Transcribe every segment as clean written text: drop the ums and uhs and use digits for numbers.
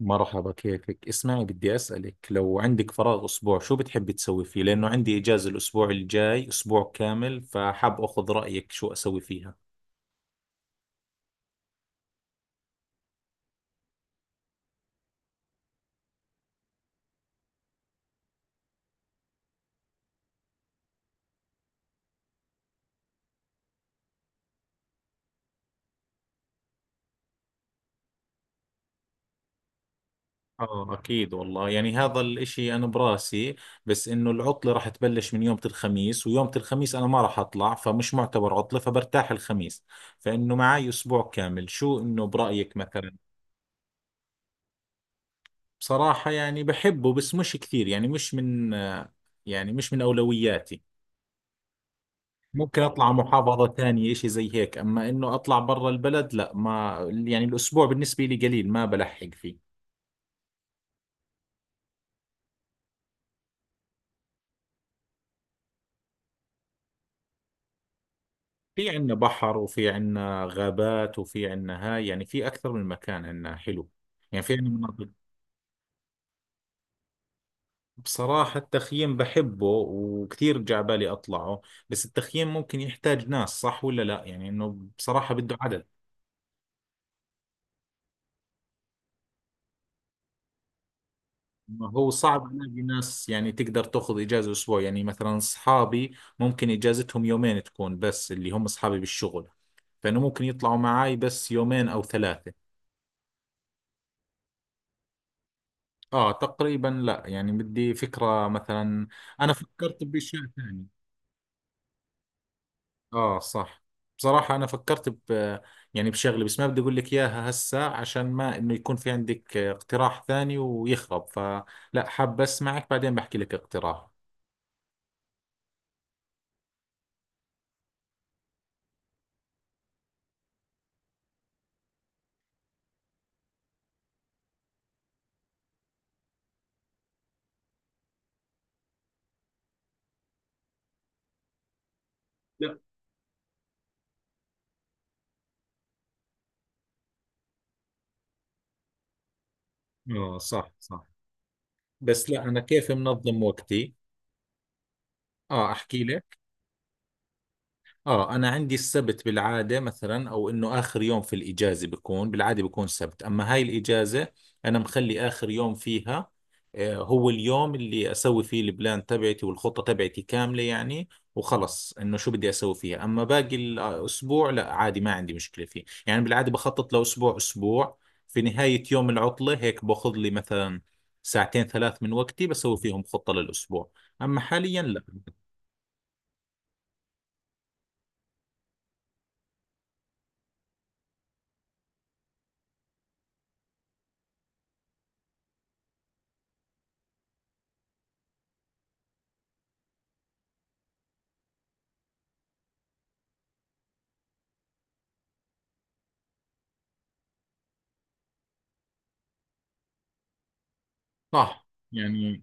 مرحبا، كيفك؟ اسمعي، بدي أسألك، لو عندك فراغ أسبوع شو بتحبي تسوي فيه؟ لأنه عندي إجازة الأسبوع الجاي أسبوع كامل، فحاب أخذ رأيك شو أسوي فيها. آه أكيد والله، يعني هذا الإشي أنا براسي. بس إنه العطلة راح تبلش من يوم الخميس، ويوم الخميس أنا ما راح أطلع، فمش معتبر عطلة، فبرتاح الخميس. فإنه معي أسبوع كامل، شو إنه برأيك مثلا؟ بصراحة يعني بحبه، بس مش كثير، يعني مش من أولوياتي. ممكن اطلع محافظة ثانية، اشي زي هيك. اما انه اطلع برا البلد، لا، ما، يعني الاسبوع بالنسبة لي قليل، ما بلحق فيه. في عندنا بحر، وفي عندنا غابات، وفي عندنا، هاي يعني في اكثر من مكان عندنا حلو، يعني في عندنا مناطق. بصراحة التخييم بحبه، وكثير جعبالي اطلعه. بس التخييم ممكن يحتاج ناس، صح ولا لا؟ يعني انه بصراحة بده عدد. ما هو صعب الاقي ناس يعني تقدر تاخذ اجازه اسبوع، يعني مثلا اصحابي ممكن اجازتهم يومين تكون، بس اللي هم اصحابي بالشغل، فانه ممكن يطلعوا معاي بس يومين او ثلاثه. اه تقريبا لا، يعني بدي فكره مثلا. انا فكرت بشيء ثاني. اه صح. بصراحه انا فكرت ب، يعني بشغله، بس ما بدي اقول لك اياها هسه عشان ما انه يكون في عندك اقتراح ثاني ويخرب، فلا حاب اسمعك بعدين بحكي لك اقتراح. لا. اه صح صح. بس لا، أنا كيف منظم وقتي. آه أحكي لك. اه، انا عندي السبت بالعاده مثلا، او انه اخر يوم في الاجازه بكون بالعاده بكون سبت، اما هاي الاجازه انا مخلي اخر يوم فيها، آه، هو اليوم اللي اسوي فيه البلان تبعتي والخطه تبعتي كامله يعني. وخلص انه شو بدي اسوي فيها، اما باقي الاسبوع لا عادي، ما عندي مشكله فيه، يعني بالعاده بخطط لاسبوع اسبوع. في نهايه يوم العطله هيك باخذ لي مثلا ساعتين ثلاث من وقتي بسوي فيهم خطه للاسبوع، اما حاليا لا. صح يعني.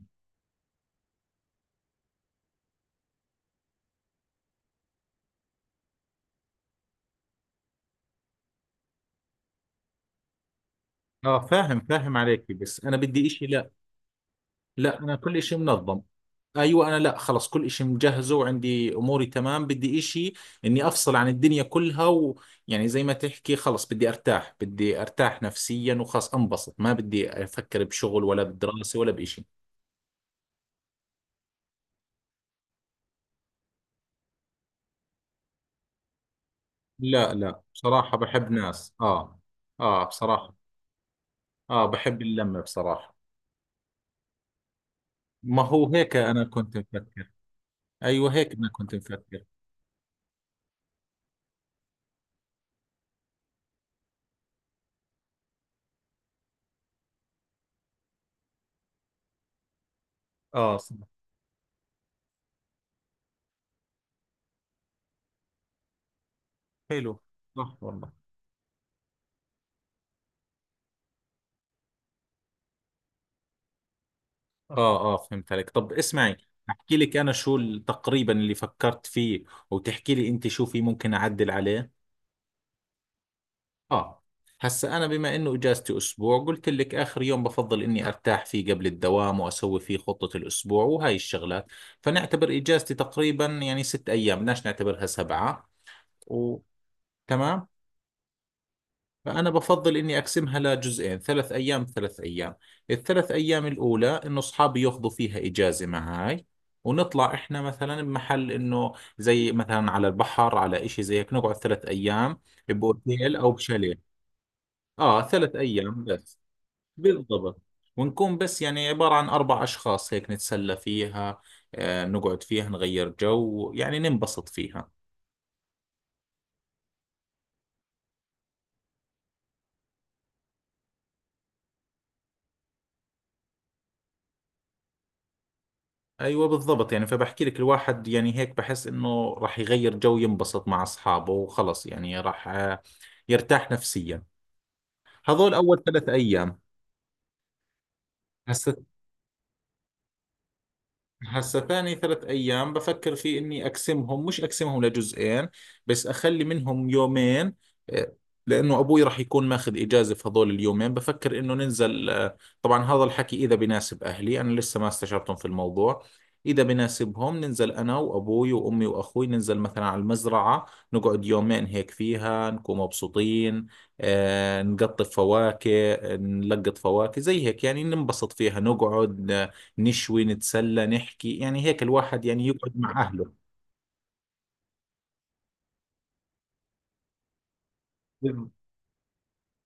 اه فاهم فاهم عليك، بس انا بدي اشي، لا. لا انا كل اشي منظم. ايوه، انا لا، خلص كل اشي مجهزه وعندي اموري تمام، بدي اشي اني افصل عن الدنيا كلها، ويعني زي ما تحكي خلص، بدي ارتاح نفسيا، وخلص انبسط، ما بدي افكر بشغل ولا بدراسة ولا باشي. لا لا بصراحة بحب ناس، اه. اه بصراحة. اه بحب اللمة بصراحة. ما هو هيك انا كنت مفكر. ايوه هيك انا كنت مفكر. اه صح. حلو. صح والله. اه اه فهمت عليك. طب اسمعي، احكي لك انا شو تقريبا اللي فكرت فيه، وتحكي لي انت شو في ممكن اعدل عليه. اه. هسا انا بما انه اجازتي اسبوع، قلت لك اخر يوم بفضل اني ارتاح فيه قبل الدوام واسوي فيه خطة الاسبوع وهاي الشغلات، فنعتبر اجازتي تقريبا يعني 6 ايام، بدناش نعتبرها 7. وتمام. فأنا بفضل إني أقسمها لجزئين، 3 أيام 3 أيام. الثلاث أيام الأولى إنه أصحابي ياخذوا فيها إجازة معاي، ونطلع إحنا مثلا بمحل إنه زي مثلا على البحر، على إشي زي هيك، نقعد 3 أيام بأوتيل أو بشاليه. آه 3 أيام بس. بالضبط. ونكون بس يعني عبارة عن 4 أشخاص، هيك نتسلى فيها، آه نقعد فيها نغير جو، يعني ننبسط فيها. ايوه بالضبط، يعني فبحكي لك الواحد يعني هيك بحس انه راح يغير جو، ينبسط مع اصحابه وخلص، يعني راح، آه، يرتاح نفسيا. هذول اول 3 ايام. هسه. هسا ثاني 3 أيام بفكر في إني أقسمهم، مش أقسمهم لجزئين، بس أخلي منهم يومين، آه، لأنه أبوي راح يكون ماخذ إجازة في هذول اليومين، بفكر إنه ننزل، آه، طبعا هذا الحكي إذا بناسب أهلي، أنا لسه ما استشرتهم في الموضوع. إذا بناسبهم ننزل أنا وأبوي وأمي وأخوي، ننزل مثلا على المزرعة، نقعد يومين هيك فيها، نكون مبسوطين، آه، نقطف فواكه، نلقط فواكه زي هيك، يعني ننبسط فيها، نقعد نشوي، نتسلى، نحكي، يعني هيك الواحد يعني يقعد مع أهله.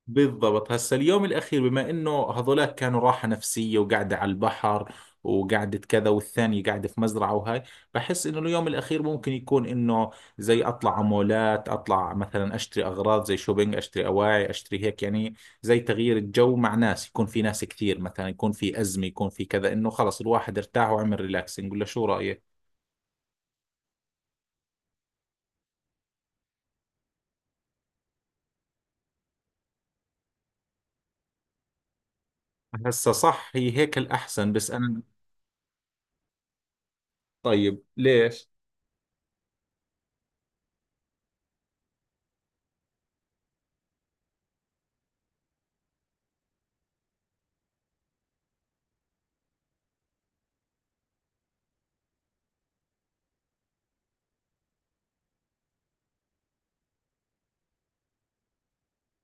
بالضبط. هسا اليوم الأخير، بما إنه هذولاك كانوا راحة نفسية وقاعدة على البحر وقعدة كذا، والثانية قاعدة في مزرعة وهاي، بحس إنه اليوم الأخير ممكن يكون إنه زي أطلع على مولات، أطلع مثلا أشتري أغراض، زي شوبينج، أشتري أواعي، أشتري هيك يعني، زي تغيير الجو مع ناس، يكون في ناس كثير، مثلا يكون في أزمة، يكون في كذا، إنه خلص الواحد ارتاح وعمل ريلاكسنج، ولا شو رأيك؟ هسا صح، هي هيك الأحسن، بس أنا. طيب ليش؟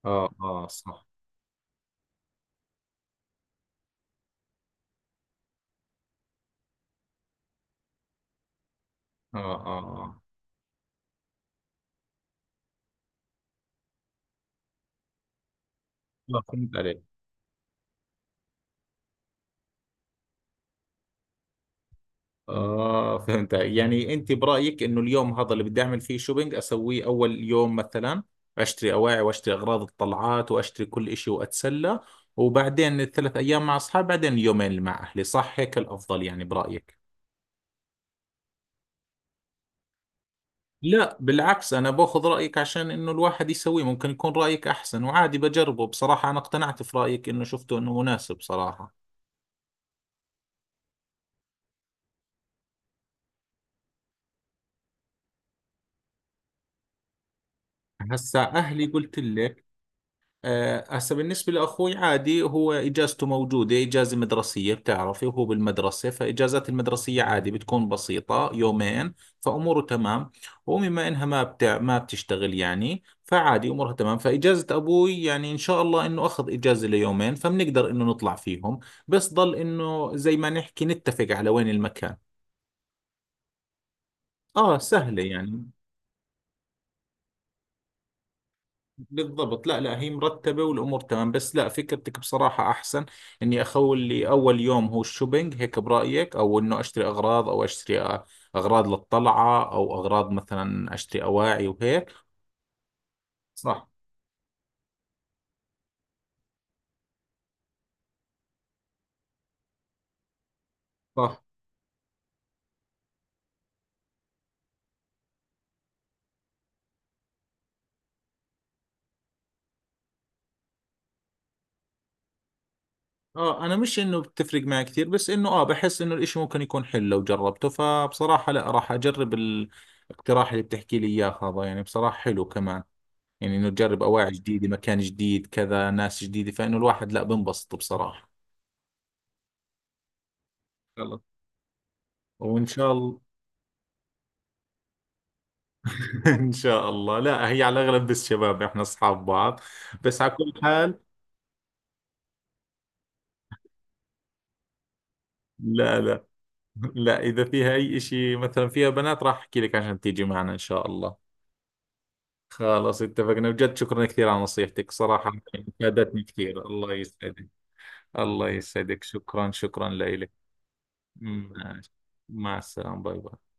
اه اه صح. اه اه اه. آه، فهمت عليك. اه فهمت، يعني انت برأيك انه اليوم هذا اللي بدي اعمل فيه شوبينج اسويه اول يوم مثلا، اشتري اواعي، واشتري اغراض الطلعات، واشتري كل اشي، واتسلى، وبعدين ال3 ايام مع اصحابي، بعدين اليومين اللي مع اهلي، صح هيك الافضل يعني برأيك؟ لا بالعكس، انا باخذ رأيك عشان انه الواحد يسويه، ممكن يكون رأيك احسن، وعادي بجربه، بصراحة انا اقتنعت في رأيك، انه شفته انه مناسب صراحة. هسا اهلي قلت لك، آه، هسه بالنسبة لأخوي عادي، هو إجازته موجودة، إجازة مدرسية بتعرفي، وهو بالمدرسة، فإجازات المدرسية عادي بتكون بسيطة يومين، فأموره تمام. وبما إنها ما بتشتغل يعني، فعادي أمورها تمام، فإجازة أبوي يعني إن شاء الله إنه أخذ إجازة ليومين، فبنقدر إنه نطلع فيهم، بس ضل إنه زي ما نحكي نتفق على وين المكان. آه سهلة يعني. بالضبط. لا لا هي مرتبة والأمور تمام، بس لا فكرتك بصراحة أحسن، إني أخول لي أول يوم هو الشوبينج هيك برأيك، أو إنه أشتري أغراض، أو أشتري أغراض للطلعة، أو أغراض مثلا أشتري أواعي وهيك. صح صح. آه أنا مش إنه بتفرق معي كثير، بس إنه، آه، بحس إنه الإشي ممكن يكون حلو لو جربته، فبصراحة لا راح أجرب الاقتراح اللي بتحكي لي إياه هذا، يعني بصراحة حلو كمان، يعني إنه تجرب أواعي جديدة، مكان جديد، كذا، ناس جديدة، فإنه الواحد لا بنبسط بصراحة. خلص. وإن شاء الله. إن شاء الله، لا هي على الأغلب بس شباب، إحنا أصحاب بعض، بس على كل حال. لا لا لا. إذا فيها أي إشي مثلا، فيها بنات، راح أحكي لك عشان تيجي معنا إن شاء الله. خلاص اتفقنا، بجد شكرا كثير على نصيحتك صراحة، فادتني كثير، الله يسعدك. الله يسعدك، شكرا شكرا لك. مع مع السلامة، باي باي.